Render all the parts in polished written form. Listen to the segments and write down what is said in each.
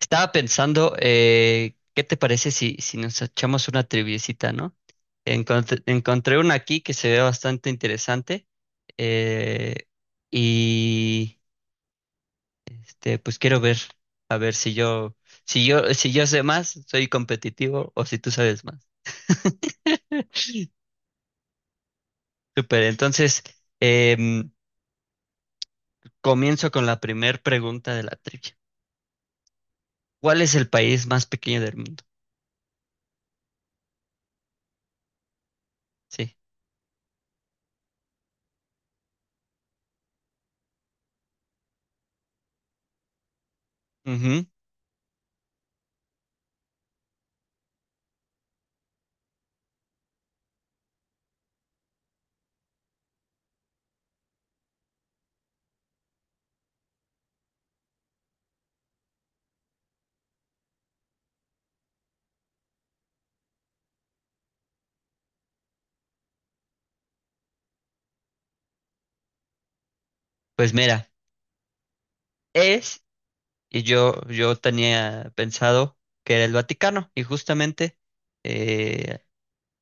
Estaba pensando, ¿qué te parece si nos echamos una triviecita, no? Encontré una aquí que se ve bastante interesante. eh, y pues quiero ver, a ver si yo sé más, soy competitivo o si tú sabes más. Super. Entonces em, comienzo con la primer pregunta de la trivia. ¿Cuál es el país más pequeño del mundo? Sí. Ujú. Pues mira, es. Y yo tenía pensado que era el Vaticano, y justamente, eh,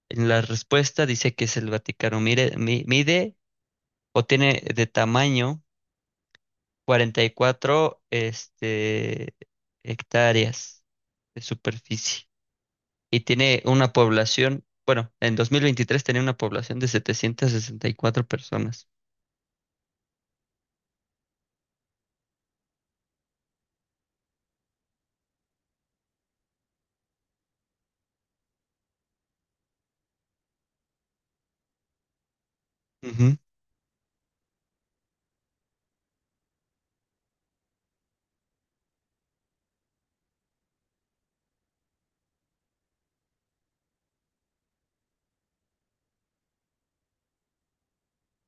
en la respuesta dice que es el Vaticano. Mire, mide o tiene de tamaño 44, hectáreas de superficie, y tiene una población, bueno, en 2023 tenía una población de 764 personas. Ujú.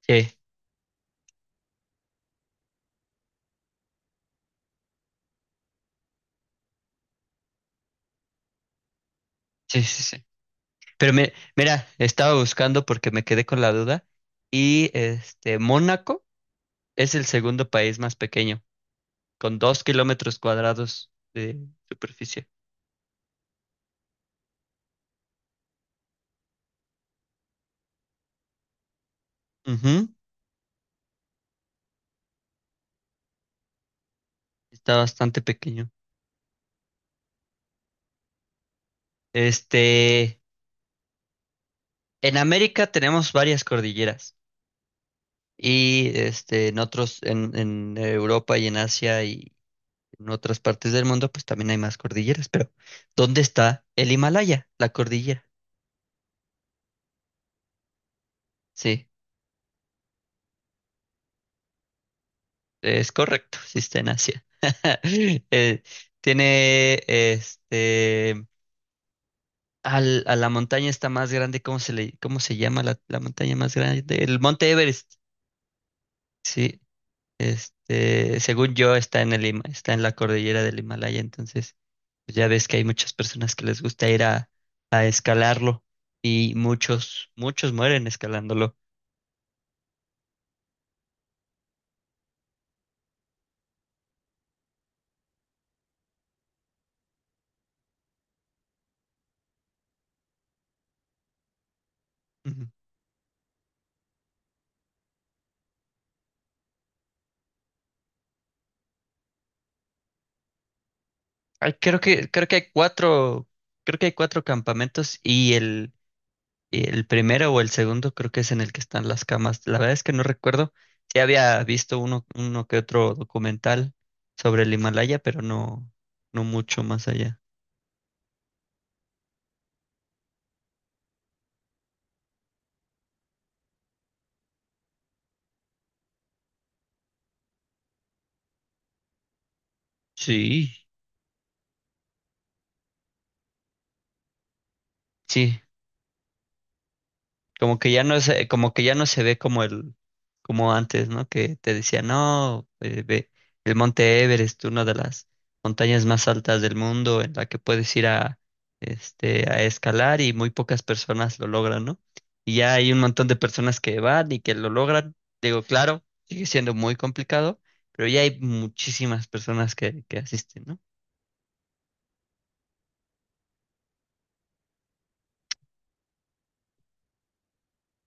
Sí, sí, sí, sí. Pero mira, estaba buscando porque me quedé con la duda y, Mónaco. Es el segundo país más pequeño, con 2 kilómetros cuadrados de superficie. Ujú. Está bastante pequeño. Este, en América tenemos varias cordilleras y, en otros, en Europa y en Asia y en otras partes del mundo, pues también hay más cordilleras. Pero, ¿dónde está el Himalaya, la cordillera? Sí, es correcto, sí está en Asia. Eh, Tiene a la montaña está más grande. ¿Cómo se llama la montaña más grande? El Monte Everest. Sí, según yo está en la cordillera del Himalaya. Entonces, pues ya ves que hay muchas personas que les gusta ir a escalarlo, y muchos mueren escalándolo. Ujú. Ay, creo que hay cuatro campamentos, y el y el primero o el segundo creo que es en el que están las camas. La verdad es que no recuerdo. Sí había visto uno que otro documental sobre el Himalaya, pero no, no mucho más allá. Sí. Sí, como que ya no se ve como el, como antes, ¿no? Que te decía, no, ve el Monte Everest, una de las montañas más altas del mundo, en la que puedes ir a escalar y muy pocas personas lo logran, ¿no? Y ya hay un montón de personas que van y que lo logran. Digo, claro, sigue siendo muy complicado, pero ya hay muchísimas personas que asisten, ¿no?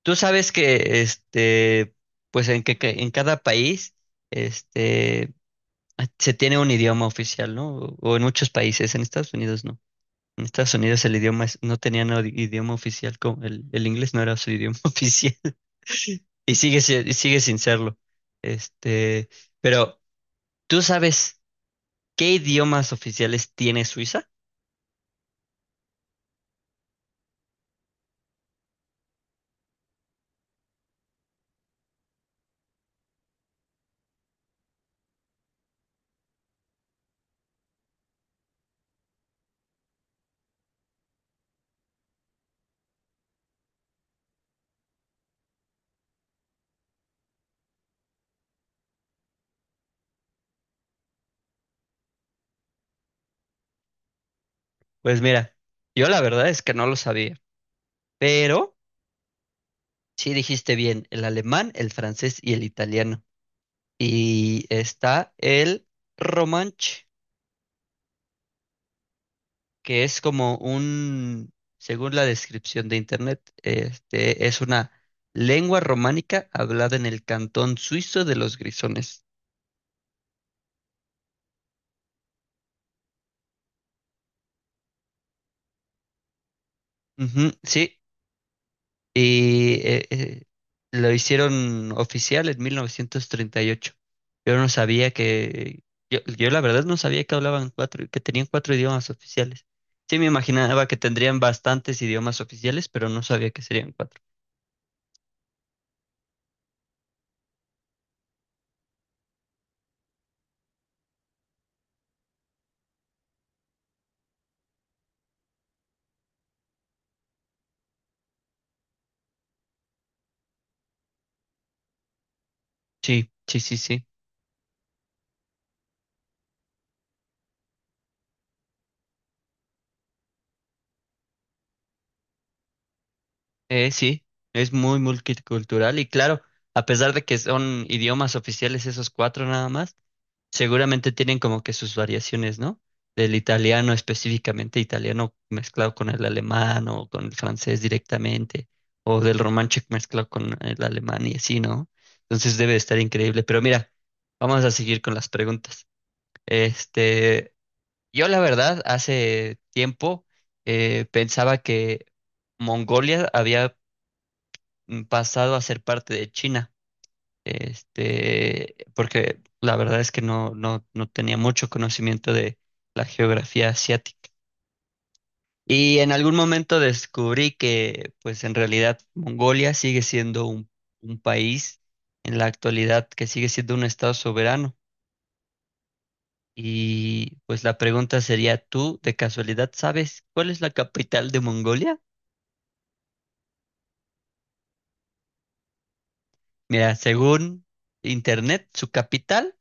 Tú sabes que, pues en que en cada país, este ah, se tiene un idioma oficial, ¿no? O en muchos países, en Estados Unidos no. En Estados Unidos el idioma es- no tenía no- idioma oficial, como el inglés no era su idioma oficial, y sigue, si- y sigue sin serlo. Este, pero, ¿tú sabes qué idiomas oficiales tiene Suiza? Pues mira, yo la verdad es que no lo sabía, pero sí dijiste bien, el alemán, el francés y el italiano. Y está el romanche, que es como un, según la descripción de internet, es una lengua románica hablada en el cantón suizo de los Grisones. Ujú, sí. Y lo hicieron oficial en 1938. Yo no sabía que, yo la verdad no sabía que hablaban cuatro, que tenían cuatro idiomas oficiales. Sí, me imaginaba que tendrían bastantes idiomas oficiales, pero no sabía que serían cuatro. Sí, sí, sí, sí. Sí, es muy multicultural, y claro, a pesar de que son idiomas oficiales esos cuatro nada más, seguramente tienen como que sus variaciones, ¿no? Del italiano específicamente, italiano mezclado con el alemán o con el francés directamente, o del romanche mezclado con el alemán y así, ¿no? Entonces debe de estar increíble. Pero mira, vamos a seguir con las preguntas. Este, yo, la verdad, hace tiempo, pensaba que Mongolia había, pasado a ser parte de China, porque la verdad es que no, no tenía mucho conocimiento de la geografía asiática. Y en algún momento descubrí que, pues en realidad, Mongolia sigue siendo un país en la actualidad, que sigue siendo un estado soberano. Y pues la pregunta sería, ¿tú de casualidad sabes cuál es la capital de Mongolia? Mira, según internet, su capital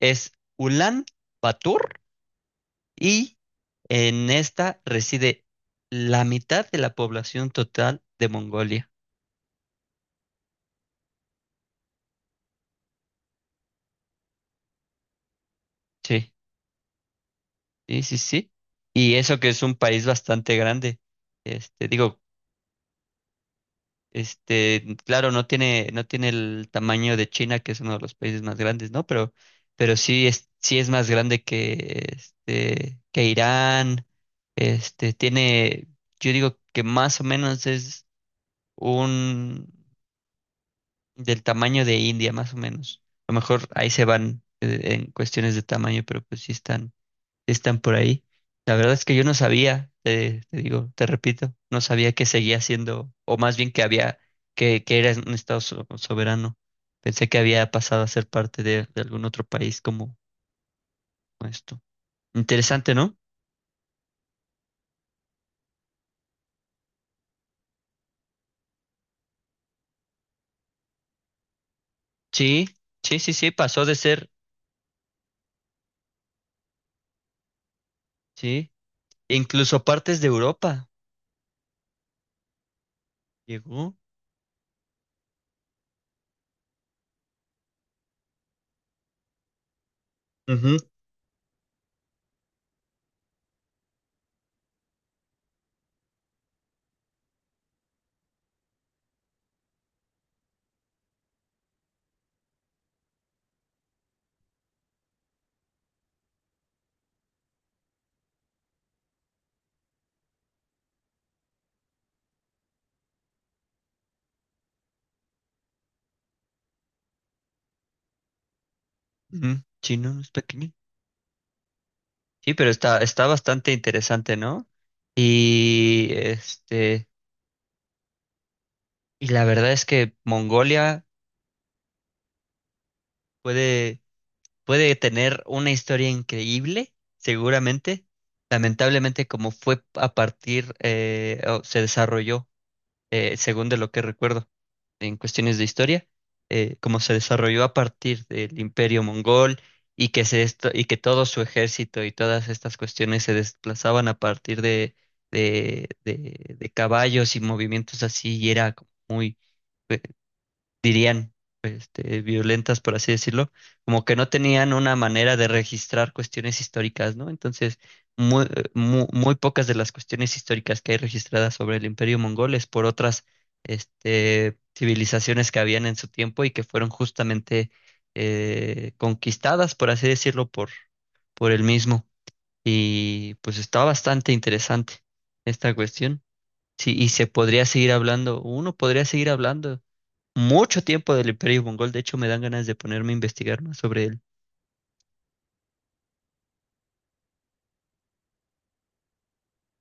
es Ulan Bator, y en esta reside la mitad de la población total de Mongolia. Sí, sí, sí, sí. Y eso que es un país bastante grande. Este, digo, claro, no tiene el tamaño de China, que es uno de los países más grandes, ¿no? Pero sí es más grande que, que Irán. Tiene, yo digo que más o menos es un del tamaño de India, más o menos. A lo mejor ahí se van, en cuestiones de tamaño, pero pues sí están por ahí. La verdad es que yo no sabía, te digo, te repito, no sabía que seguía siendo, o más bien que había, que era un estado soberano. Pensé que había pasado a ser parte de algún otro país, como esto. Interesante, ¿no? Sí, sí, sí, sí, pasó de ser, sí, incluso partes de Europa llegó. Ujú. Ujú. Sí, no, no es pequeño. Sí, pero está bastante interesante, ¿no? Y y la verdad es que Mongolia puede, puede tener una historia increíble, seguramente. Lamentablemente, como fue a partir, o se desarrolló, según de lo que recuerdo en cuestiones de historia, cómo se desarrolló a partir del Imperio Mongol, y que, y que todo su ejército y todas estas cuestiones se desplazaban a partir de caballos y movimientos así, y era como dirían, violentas, por así decirlo, como que no tenían una manera de registrar cuestiones históricas, ¿no? Entonces, muy, muy pocas de las cuestiones históricas que hay registradas sobre el Imperio Mongol es por otras, civilizaciones que habían en su tiempo y que fueron justamente, conquistadas, por así decirlo, por él mismo. Y pues está bastante interesante esta cuestión. Sí, y se podría seguir hablando, uno podría seguir hablando mucho tiempo del Imperio Mongol. De hecho, me dan ganas de ponerme a investigar más sobre él.